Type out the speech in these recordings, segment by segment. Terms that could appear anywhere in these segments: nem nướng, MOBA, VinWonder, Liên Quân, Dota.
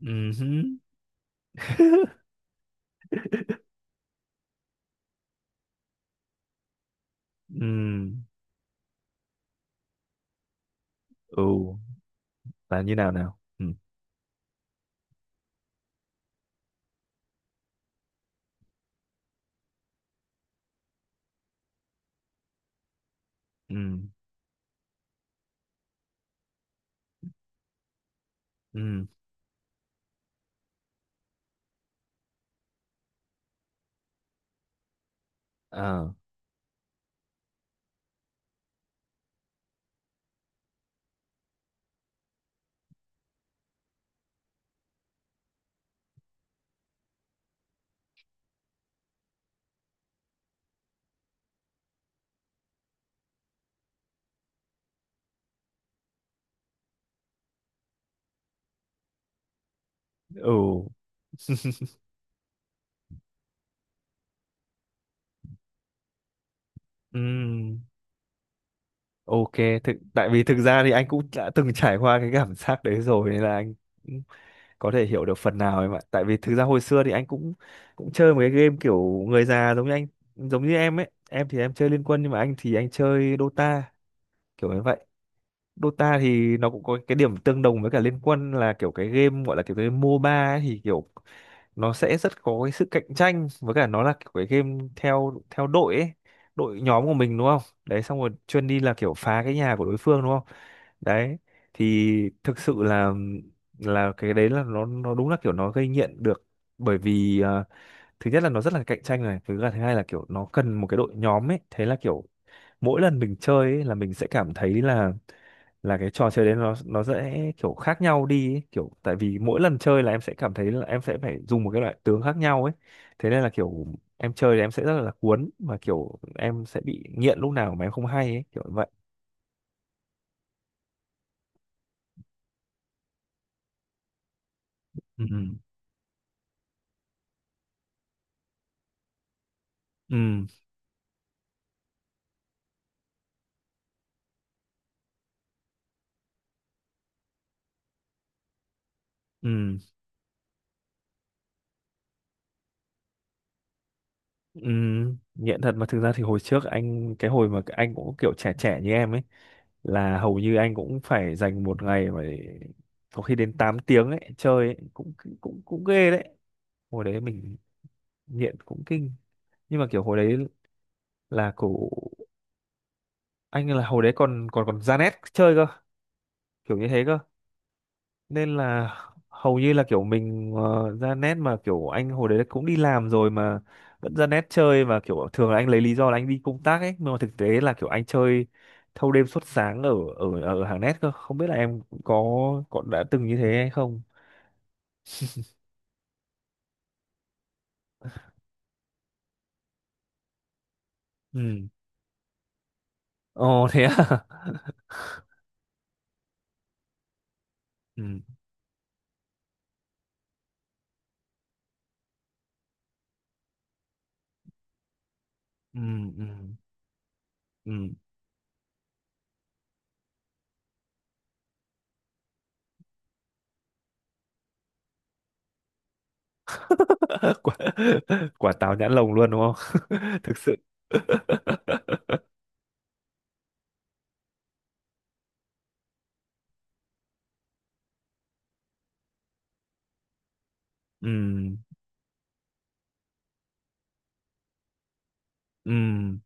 Ừ ừ ừ là như nào nào ừ ừ ừ ờ ừ ừ OK, thực tại vì thực ra thì anh cũng đã từng trải qua cái cảm giác đấy rồi nên là anh cũng có thể hiểu được phần nào em ạ. Tại vì thực ra hồi xưa thì anh cũng cũng chơi một cái game kiểu người già, giống như anh giống như em ấy. Em thì em chơi Liên Quân, nhưng mà anh thì anh chơi Dota, kiểu như vậy. Dota thì nó cũng có cái điểm tương đồng với cả Liên Quân, là kiểu cái game gọi là kiểu cái MOBA ấy, thì kiểu nó sẽ rất có cái sự cạnh tranh, với cả nó là kiểu cái game theo theo đội ấy, đội nhóm của mình đúng không? Đấy, xong rồi chuyên đi là kiểu phá cái nhà của đối phương đúng không? Đấy, thì thực sự là cái đấy là nó đúng là kiểu nó gây nghiện được. Bởi vì thứ nhất là nó rất là cạnh tranh này, thứ hai là kiểu nó cần một cái đội nhóm ấy. Thế là kiểu mỗi lần mình chơi ấy, là mình sẽ cảm thấy là cái trò chơi đấy nó sẽ kiểu khác nhau đi ấy. Kiểu tại vì mỗi lần chơi là em sẽ cảm thấy là em sẽ phải dùng một cái loại tướng khác nhau ấy. Thế nên là kiểu em chơi thì em sẽ rất là cuốn, và kiểu em sẽ bị nghiện lúc nào mà em không hay ấy, kiểu vậy. Ừ ừ ừ ừ Nghiện thật. Mà thực ra thì hồi trước anh, cái hồi mà anh cũng kiểu trẻ trẻ như em ấy, là hầu như anh cũng phải dành một ngày mà có khi đến 8 tiếng ấy chơi ấy. Cũng cũng cũng ghê đấy. Hồi đấy mình nghiện cũng kinh, nhưng mà kiểu hồi đấy là anh, là hồi đấy còn còn còn ra nét chơi cơ, kiểu như thế cơ. Nên là hầu như là kiểu mình ra nét, mà kiểu anh hồi đấy cũng đi làm rồi mà vẫn ra nét chơi. Và kiểu thường là anh lấy lý do là anh đi công tác ấy, nhưng mà thực tế là kiểu anh chơi thâu đêm suốt sáng ở ở ở hàng nét cơ. Không biết là em có đã từng như thế hay không. ừ Ồ thế à? ừ ừ ừ ừ quả Quả táo nhãn lồng luôn đúng không? Thực sự. Ừm, ừm.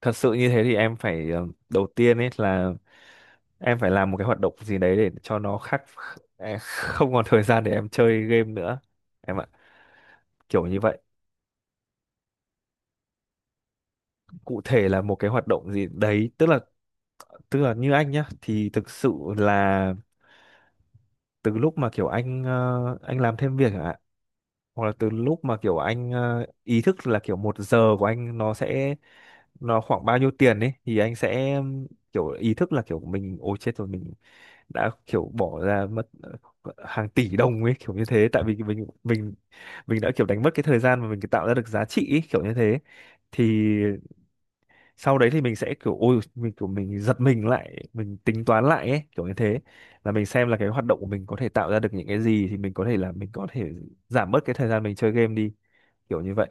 Thật sự như thế thì em phải, đầu tiên ấy là em phải làm một cái hoạt động gì đấy để cho nó khác. Em không còn thời gian để em chơi game nữa em ạ, kiểu như vậy. Cụ thể là một cái hoạt động gì đấy, tức là như anh nhá, thì thực sự là từ lúc mà kiểu anh anh làm thêm việc, hoặc là từ lúc mà kiểu anh ý thức là kiểu 1 giờ của anh nó sẽ khoảng bao nhiêu tiền ấy, thì anh sẽ kiểu ý thức là kiểu mình ôi chết rồi, mình đã kiểu bỏ ra mất hàng tỷ đồng ấy, kiểu như thế. Tại vì mình đã kiểu đánh mất cái thời gian mà mình tạo ra được giá trị ấy, kiểu như thế. Thì sau đấy thì mình sẽ kiểu ôi mình kiểu mình giật mình lại, mình tính toán lại ấy, kiểu như thế. Là mình xem là cái hoạt động của mình có thể tạo ra được những cái gì, thì mình có thể là mình có thể giảm bớt cái thời gian mình chơi game đi, kiểu như vậy.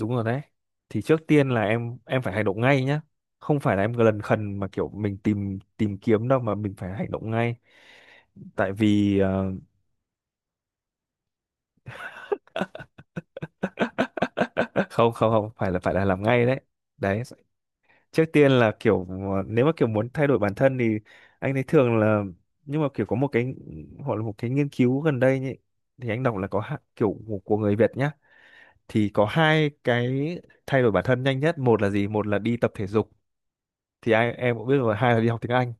Đúng rồi đấy. Thì trước tiên là em phải hành động ngay nhá, không phải là em lần khần mà kiểu mình tìm tìm kiếm đâu, mà mình phải hành động ngay. Tại vì không không không phải, là phải là làm ngay đấy. Đấy, trước tiên là kiểu nếu mà kiểu muốn thay đổi bản thân thì anh thấy thường là, nhưng mà kiểu có một cái gọi là một cái nghiên cứu gần đây nhỉ, thì anh đọc là có kiểu của người Việt nhá, thì có hai cái thay đổi bản thân nhanh nhất. Một là gì? Một là đi tập thể dục, thì ai em cũng biết rồi. Hai là đi học tiếng Anh.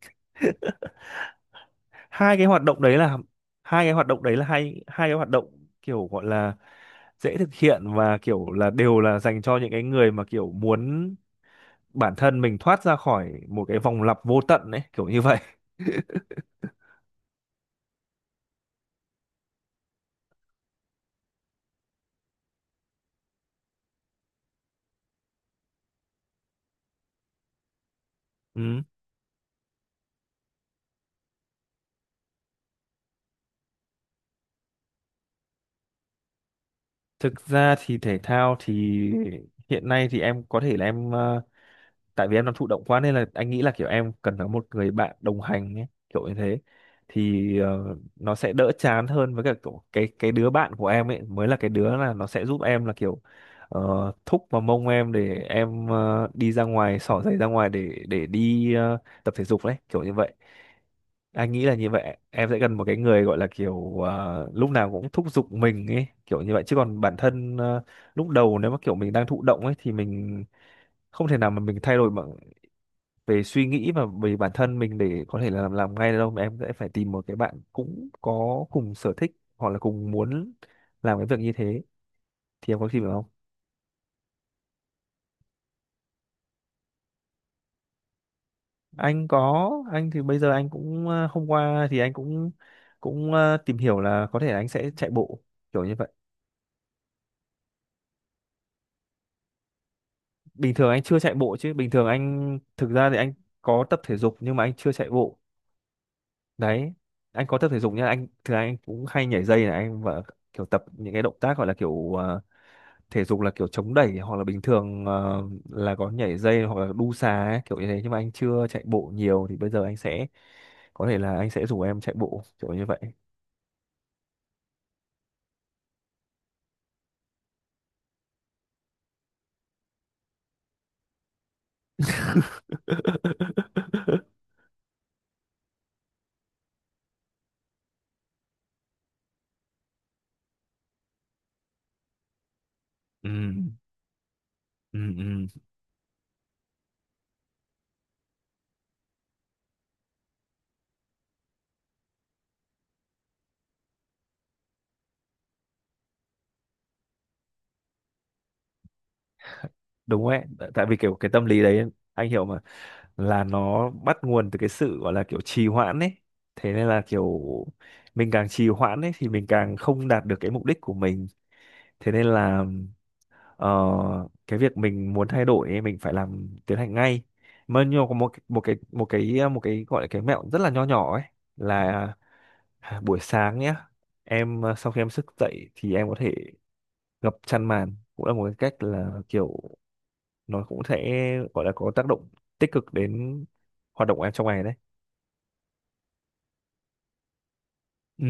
hai cái hoạt động đấy là Hai cái hoạt động đấy là hai hai cái hoạt động kiểu gọi là dễ thực hiện, và kiểu là đều là dành cho những cái người mà kiểu muốn bản thân mình thoát ra khỏi một cái vòng lặp vô tận ấy, kiểu như vậy. Ừ. Thực ra thì thể thao thì hiện nay thì em có thể là em, tại vì em đang thụ động quá nên là anh nghĩ là kiểu em cần có một người bạn đồng hành ấy, kiểu như thế. Thì nó sẽ đỡ chán hơn, với cả kiểu cái đứa bạn của em ấy mới là cái đứa là nó sẽ giúp em, là kiểu thúc vào mông em để em đi ra ngoài xỏ giày ra ngoài để đi tập thể dục đấy, kiểu như vậy. Anh nghĩ là như vậy em sẽ cần một cái người gọi là kiểu lúc nào cũng thúc giục mình ấy, kiểu như vậy. Chứ còn bản thân, lúc đầu nếu mà kiểu mình đang thụ động ấy, thì mình không thể nào mà mình thay đổi mà về suy nghĩ và về bản thân mình để có thể là làm ngay được đâu. Mà em sẽ phải tìm một cái bạn cũng có cùng sở thích hoặc là cùng muốn làm cái việc như thế. Thì em có tìm được không? Anh có. Anh thì bây giờ anh cũng, hôm qua thì anh cũng cũng ờ, tìm hiểu là có thể là anh sẽ chạy bộ, kiểu như vậy. Bình thường anh chưa chạy bộ, chứ bình thường anh thực ra thì anh có tập thể dục, nhưng mà anh chưa chạy bộ. Đấy, anh có tập thể dục nhá, anh thường anh cũng hay nhảy dây này anh, và kiểu tập những cái động tác gọi là kiểu thể dục là kiểu chống đẩy, hoặc là bình thường là có nhảy dây, hoặc là đu xà ấy, kiểu như thế. Nhưng mà anh chưa chạy bộ nhiều, thì bây giờ anh sẽ có thể là anh sẽ rủ em chạy bộ, kiểu như vậy. ừ, ừ. Đúng ấy. Tại tại vì kiểu cái tâm lý đấy anh hiểu mà, là nó bắt nguồn từ cái sự gọi là kiểu trì hoãn ấy. Thế nên là kiểu mình càng trì hoãn ấy, thì mình càng không đạt được cái mục đích của mình. Thế nên là ờ, cái việc mình muốn thay đổi ấy, mình phải làm tiến hành ngay. Mà nhưng có một một cái một cái một cái gọi là cái mẹo rất là nho nhỏ ấy, là buổi sáng nhé, em sau khi em thức dậy thì em có thể gập chăn màn, cũng là một cái cách, là kiểu nó cũng sẽ gọi là có tác động tích cực đến hoạt động của em trong ngày đấy. Ừ.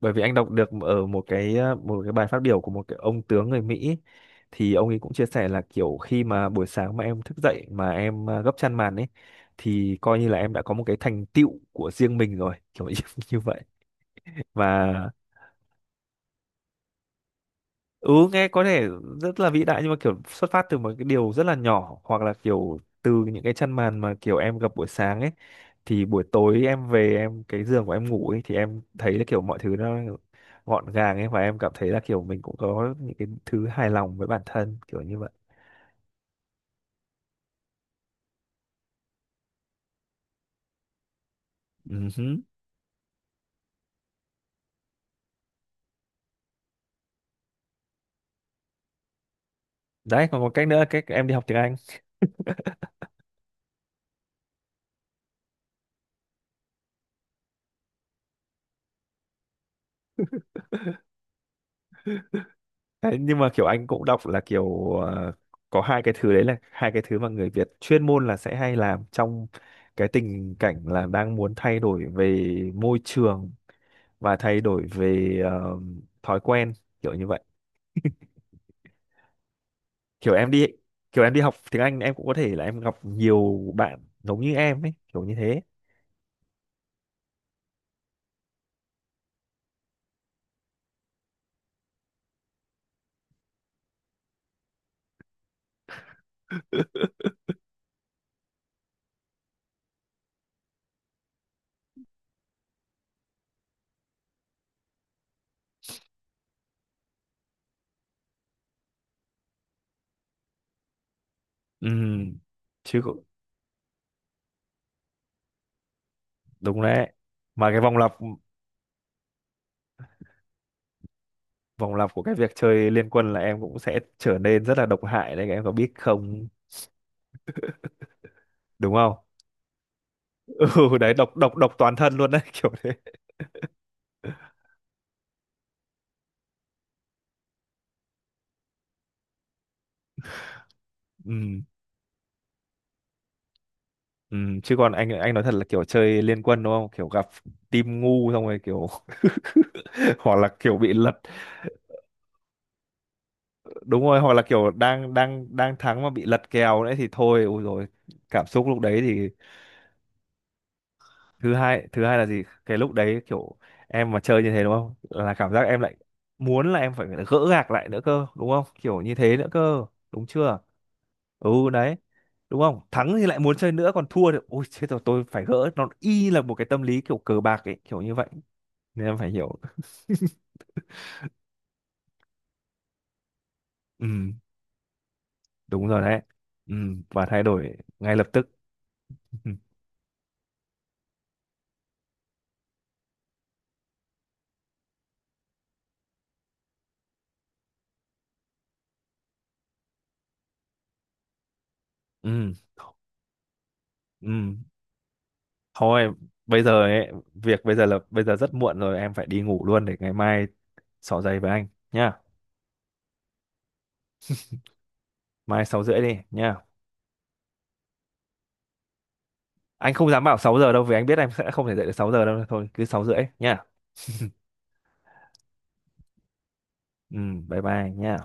Bởi vì anh đọc được ở một cái một cái bài phát biểu của một cái ông tướng người Mỹ, thì ông ấy cũng chia sẻ là kiểu khi mà buổi sáng mà em thức dậy mà em gấp chăn màn ấy, thì coi như là em đã có một cái thành tựu của riêng mình rồi, kiểu như, như vậy. Và ừ, nghe có thể rất là vĩ đại, nhưng mà kiểu xuất phát từ một cái điều rất là nhỏ, hoặc là kiểu từ những cái chăn màn mà kiểu em gặp buổi sáng ấy, thì buổi tối em về em cái giường của em ngủ ấy, thì em thấy là kiểu mọi thứ nó gọn gàng ấy, và em cảm thấy là kiểu mình cũng có những cái thứ hài lòng với bản thân, kiểu như vậy. Ừ hứ. Đấy, còn một cách nữa, là cách em đi học tiếng Anh. Đấy, nhưng mà kiểu anh cũng đọc là kiểu có hai cái thứ đấy là hai cái thứ mà người Việt chuyên môn là sẽ hay làm trong cái tình cảnh là đang muốn thay đổi về môi trường, và thay đổi về thói quen, kiểu như vậy. Kiểu em đi Kiểu em đi học tiếng Anh, em cũng có thể là em gặp nhiều bạn giống như em ấy, kiểu như thế. Ừm, chứ cũng- đúng đấy. Mà cái vòng lặp Vòng lặp của cái việc chơi liên quân là em cũng sẽ trở nên rất là độc hại đấy, em có biết không? Đúng không? Ừ đấy, độc độc độc toàn thân luôn đấy, kiểu thế. ừ, ừ. Chứ còn anh nói thật là kiểu chơi liên quân đúng không, kiểu gặp team ngu, xong rồi kiểu hoặc là kiểu bị lật. Đúng rồi. Hoặc là kiểu đang đang đang thắng mà bị lật kèo đấy, thì thôi ôi rồi, cảm xúc lúc đấy thì, thứ hai là gì, cái lúc đấy kiểu em mà chơi như thế đúng không, là cảm giác em lại muốn là em phải gỡ gạc lại nữa cơ, đúng không, kiểu như thế nữa cơ, đúng chưa? Ừ đấy, đúng không, thắng thì lại muốn chơi nữa, còn thua thì ôi chết rồi tôi phải gỡ, nó y như là một cái tâm lý kiểu cờ bạc ấy, kiểu như vậy. Nên em phải hiểu. ừ Đúng rồi đấy. ừ và thay đổi ngay lập tức. ừ ừ ừ. Thôi bây giờ ấy, việc bây giờ là bây giờ rất muộn rồi, em phải đi ngủ luôn để ngày mai xỏ giày với anh nhá. Mai 6 rưỡi đi nhá. Anh không dám bảo 6 giờ đâu, vì anh biết em sẽ không thể dậy được 6 giờ đâu, thôi cứ 6 rưỡi nhá. Ừ, bye bye nhá.